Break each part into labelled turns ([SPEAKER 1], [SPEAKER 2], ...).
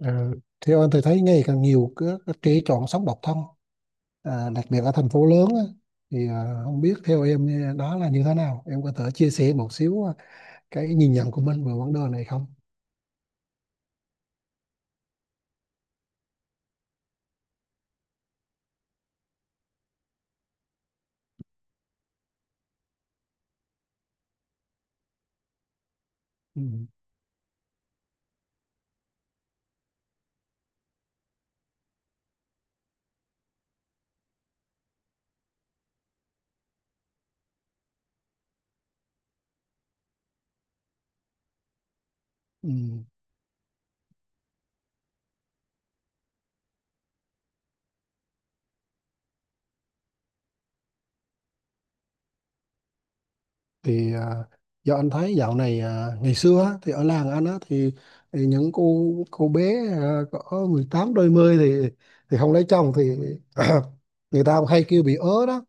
[SPEAKER 1] Ờ, theo anh thì thấy ngày càng nhiều cái trẻ chọn sống độc thân, à, đặc biệt ở thành phố lớn á, thì không biết theo em, đó là như thế nào, em có thể chia sẻ một xíu, à, cái nhìn nhận của mình về vấn đề này không? Ừ. Ừ. Thì do anh thấy dạo này, à, ngày xưa á, thì ở làng anh á, thì những cô bé, à, có 18 đôi mươi thì không lấy chồng thì người ta hay kêu bị ớ đó,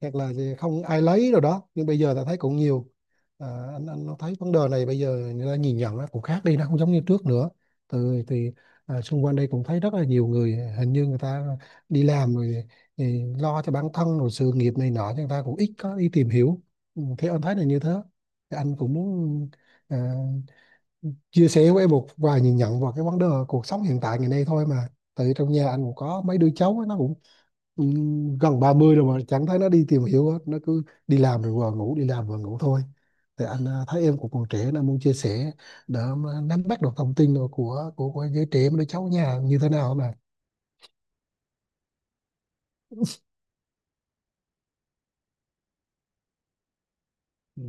[SPEAKER 1] hoặc là gì không ai lấy rồi đó, nhưng bây giờ ta thấy cũng nhiều, à, anh thấy vấn đề này bây giờ người ta nhìn nhận nó cũng khác đi, nó không giống như trước nữa. Từ thì, à, xung quanh đây cũng thấy rất là nhiều người, hình như người ta đi làm rồi thì lo cho bản thân rồi sự nghiệp này nọ, cho người ta cũng ít có đi tìm hiểu. Ừ, thì anh thấy là như thế. Thì anh cũng muốn, à, chia sẻ với em một vài nhìn nhận vào cái vấn đề cuộc sống hiện tại ngày nay thôi mà, tại trong nhà anh cũng có mấy đứa cháu ấy, nó cũng gần 30 rồi mà chẳng thấy nó đi tìm hiểu hết, nó cứ đi làm rồi vừa ngủ, đi làm vừa ngủ thôi. Thì anh thấy em cũng còn trẻ nên muốn chia sẻ để mà nắm bắt được thông tin rồi của giới trẻ mấy đứa cháu nhà như thế nào mà. Ừ.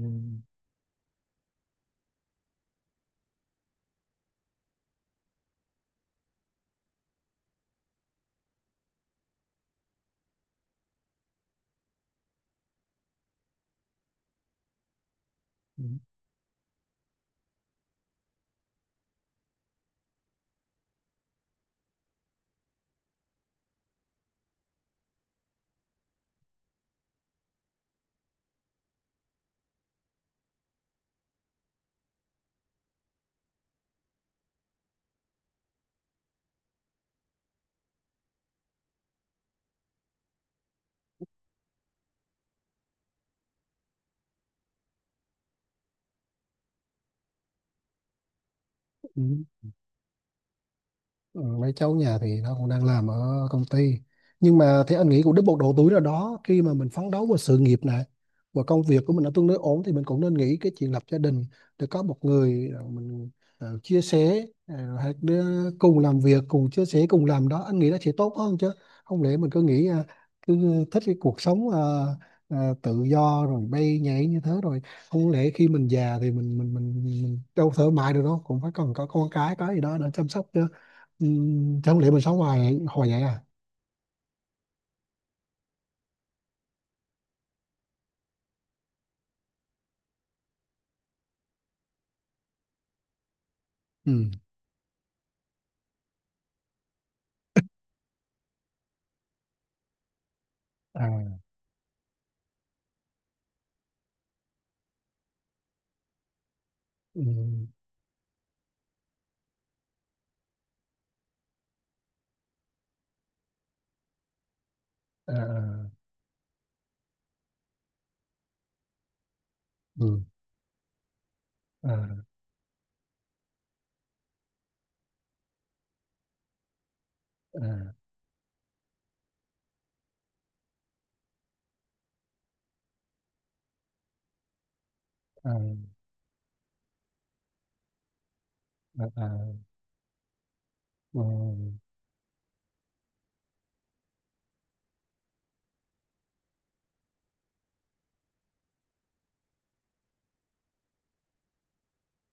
[SPEAKER 1] Ừ. Ừ, mấy cháu nhà thì nó cũng đang làm ở công ty, nhưng mà thì anh nghĩ cũng đến một độ tuổi nào đó khi mà mình phấn đấu vào sự nghiệp này và công việc của mình nó tương đối ổn thì mình cũng nên nghĩ cái chuyện lập gia đình, để có một người, ờ, mình, ờ, chia sẻ, ờ, hay đứa cùng làm việc cùng chia sẻ cùng làm đó, anh nghĩ nó sẽ tốt hơn chứ. Không lẽ mình cứ nghĩ, à, cứ thích cái cuộc sống, à, à, tự do rồi bay nhảy như thế rồi, không lẽ khi mình già thì mình đâu thoải mái được đâu, cũng phải cần có con cái có gì đó để chăm sóc chứ. Ừ, thế không lẽ mình sống hoài hồi vậy à? Ừ. À. Ừ. À. À. Ừ. À. À. À. À. À. Ừ.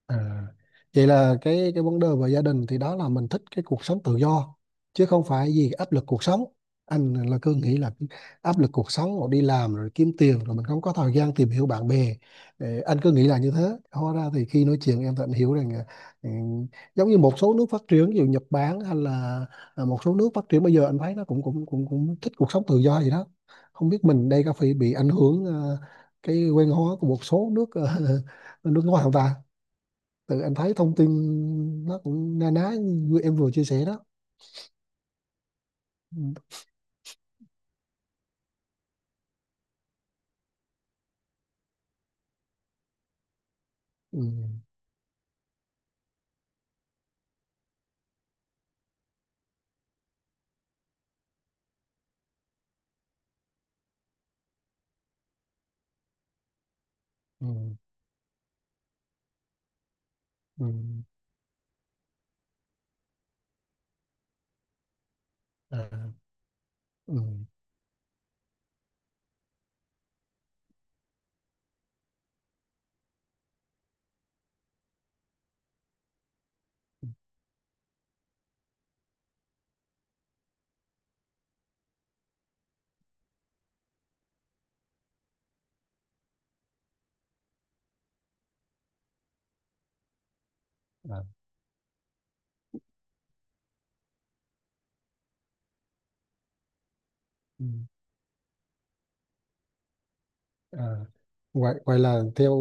[SPEAKER 1] À, vậy là cái vấn đề về gia đình thì đó là mình thích cái cuộc sống tự do, chứ không phải vì áp lực cuộc sống. Anh là cứ nghĩ là áp lực cuộc sống rồi đi làm rồi kiếm tiền rồi mình không có thời gian tìm hiểu bạn bè. Ờ, anh cứ nghĩ là như thế. Hóa ra thì khi nói chuyện em tận hiểu rằng, ừ, giống như một số nước phát triển, ví dụ Nhật Bản, hay là, à, một số nước phát triển bây giờ anh thấy nó cũng cũng cũng cũng thích cuộc sống tự do gì đó. Không biết mình đây có phải bị ảnh hưởng, ờ, cái quen hóa của một số nước, ờ, nước ngoài không ta. Tự anh thấy thông tin nó cũng na ná như em vừa chia sẻ đó. Ừ. Ừ. Ừ. Ừ. À. Ừ. À. Ừ. À. Vậy, vậy là theo,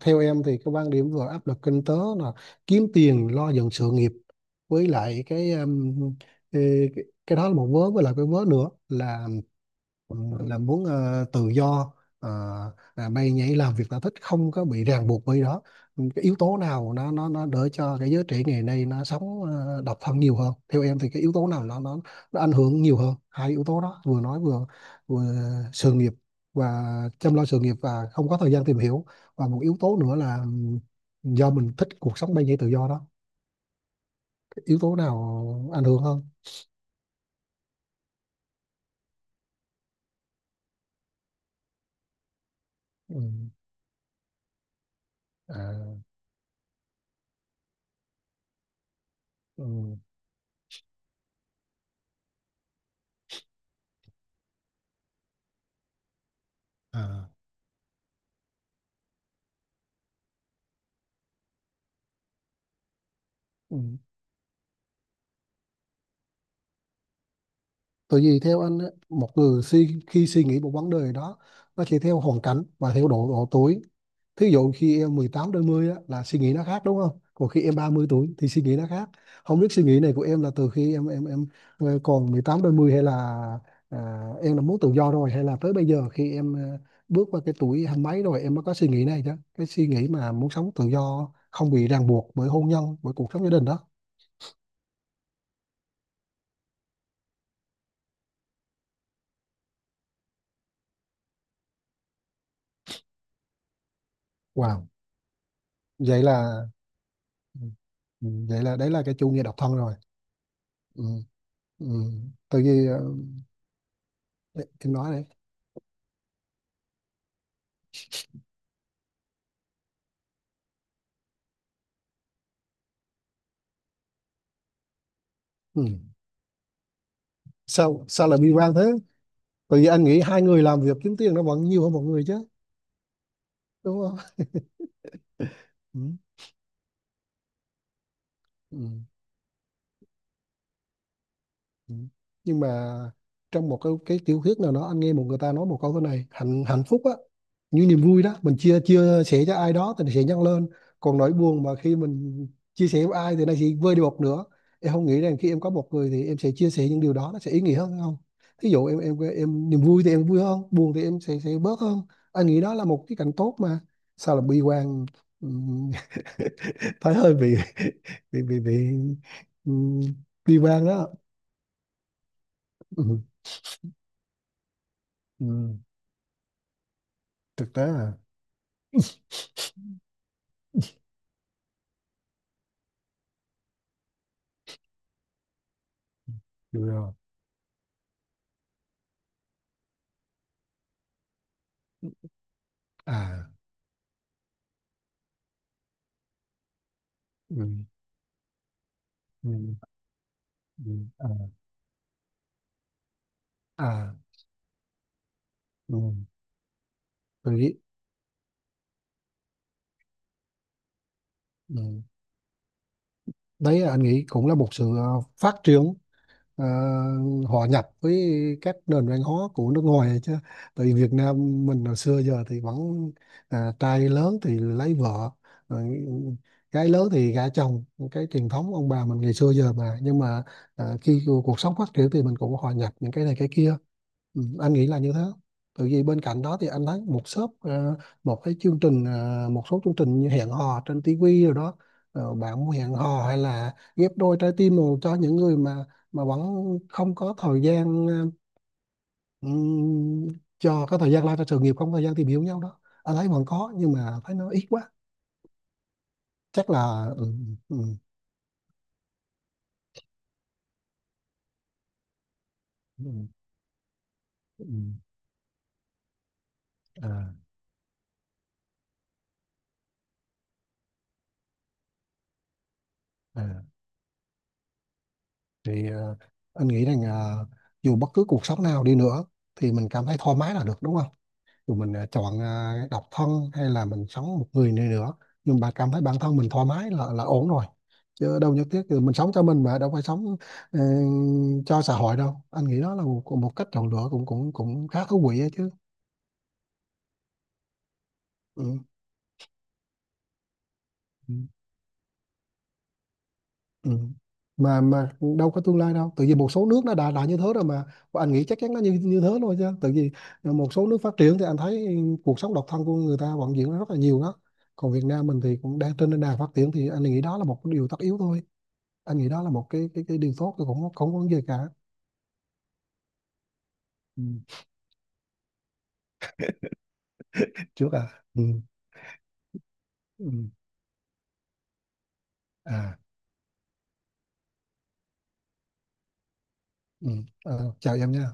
[SPEAKER 1] theo em thì cái quan điểm vừa áp lực kinh tế là kiếm tiền lo dựng sự nghiệp, với lại cái cái đó là một vớ, với lại cái vớ nữa là, ờ, là muốn, ờ, tự do, ờ, à, bay nhảy làm việc ta thích không có bị ràng buộc bởi đó. Ừ, cái yếu tố nào nó đỡ cho cái giới trẻ ngày nay nó sống, ờ, độc thân nhiều hơn, theo em thì cái yếu tố nào nó ảnh hưởng nhiều hơn hai yếu tố đó vừa nói, vừa vừa sự nghiệp và chăm lo sự nghiệp và không có thời gian tìm hiểu, và một yếu tố nữa là, do mình thích cuộc sống bay nhảy tự do đó. Cái yếu tố nào ảnh hưởng hơn? Ừ. À, ừ. À. Ừ. Tại vì theo anh á, một người suy, khi suy nghĩ một vấn đề đó nó sẽ theo hoàn cảnh và theo độ độ tuổi. Thí dụ khi em 18 đến 10 á, là suy nghĩ nó khác đúng không? Còn khi em 30 tuổi thì suy nghĩ nó khác. Không biết suy nghĩ này của em là từ khi em còn 18 đến 10 hay là, à, em đã muốn tự do rồi, hay là tới bây giờ khi em, à, bước qua cái tuổi hai mấy rồi em mới có suy nghĩ này chứ. Cái suy nghĩ mà muốn sống tự do không bị ràng buộc bởi hôn nhân, bởi cuộc sống gia đình đó. Wow. Vậy là, ừ, vậy là đấy là cái chủ nghĩa độc thân rồi. Ừ, ừ. Tại vì, ờ, em nói này. Ừ. sao sao lại bi quan thế? Tại vì anh nghĩ hai người làm việc kiếm tiền nó vẫn nhiều hơn một người chứ, đúng không? Ừ. Ừ. Ừ. Nhưng mà trong một cái tiểu thuyết nào đó anh nghe một người ta nói một câu thế này: hạnh hạnh phúc á, như niềm vui đó mình chia chia sẻ cho ai đó thì nó sẽ nhân lên, còn nỗi buồn mà khi mình chia sẻ với ai thì nó sẽ vơi đi một nửa. Em không nghĩ rằng khi em có một người thì em sẽ chia sẻ những điều đó nó sẽ ý nghĩa hơn hay không? Ví dụ em em niềm vui thì em vui hơn, buồn thì em sẽ bớt hơn. Anh nghĩ đó là một cái cảnh tốt mà, sao là bi quan? Ừm, thấy hơi bị ừm, bi quan đó. Ừ. Ừ, thực tế là được rồi. À. Ừ, ừ, ừ, à, à. Ừ, tôi nghĩ. Ừ. Đấy là anh nghĩ cũng là một sự, ờ, phát triển, ờ, hòa nhập với các nền văn hóa của nước ngoài chứ. Tại vì Việt Nam mình hồi xưa giờ thì vẫn, à, trai lớn thì lấy vợ rồi, gái lớn thì gả chồng, cái truyền thống ông bà mình ngày xưa giờ mà. Nhưng mà, à, khi cuộc cuộc sống phát triển thì mình cũng hòa nhập những cái này cái kia. Ừ, anh nghĩ là như thế. Tại vì bên cạnh đó thì anh thấy một shop, ờ, một cái chương trình, ờ, một số chương trình như hẹn hò trên tivi rồi đó. Ờ, bạn muốn hẹn hò, hay là ghép đôi trái tim rồi, cho những người mà vẫn không có thời gian, ờ, ừm, cho cái thời gian lo cho sự nghiệp không có thời gian tìm hiểu nhau đó, anh thấy vẫn có nhưng mà thấy nó ít quá. Chắc là ừ. Ừ, ừ, ừ, ừ, à, à. Thì, ờ, anh nghĩ rằng, ờ, dù bất cứ cuộc sống nào đi nữa thì mình cảm thấy thoải mái là được, đúng không? Dù mình, ờ, chọn, ờ, độc thân hay là mình sống một người này nữa, nhưng mà cảm thấy bản thân mình thoải mái là ổn rồi. Chứ đâu nhất thiết thì mình sống cho mình mà đâu phải sống, ờ, cho xã hội đâu. Anh nghĩ đó là một, một cách chọn lựa cũng cũng cũng khá thú vị ấy chứ. Ừ. Ừ. Ừ. Mà đâu có tương lai đâu, tự vì một số nước nó đã như thế rồi mà. Và anh nghĩ chắc chắn nó như như thế thôi, chứ tự vì một số nước phát triển thì anh thấy cuộc sống độc thân của người ta vẫn diễn ra rất là nhiều đó. Còn Việt Nam mình thì cũng đang trên nền đà phát triển thì anh nghĩ đó là một cái điều tất yếu thôi. Anh nghĩ đó là một cái điều tốt, tôi cũng không không có vấn gì cả. Ừ. Thích trước à? Ừ. Ừ. À. Ừ. Ờ, chào em nha.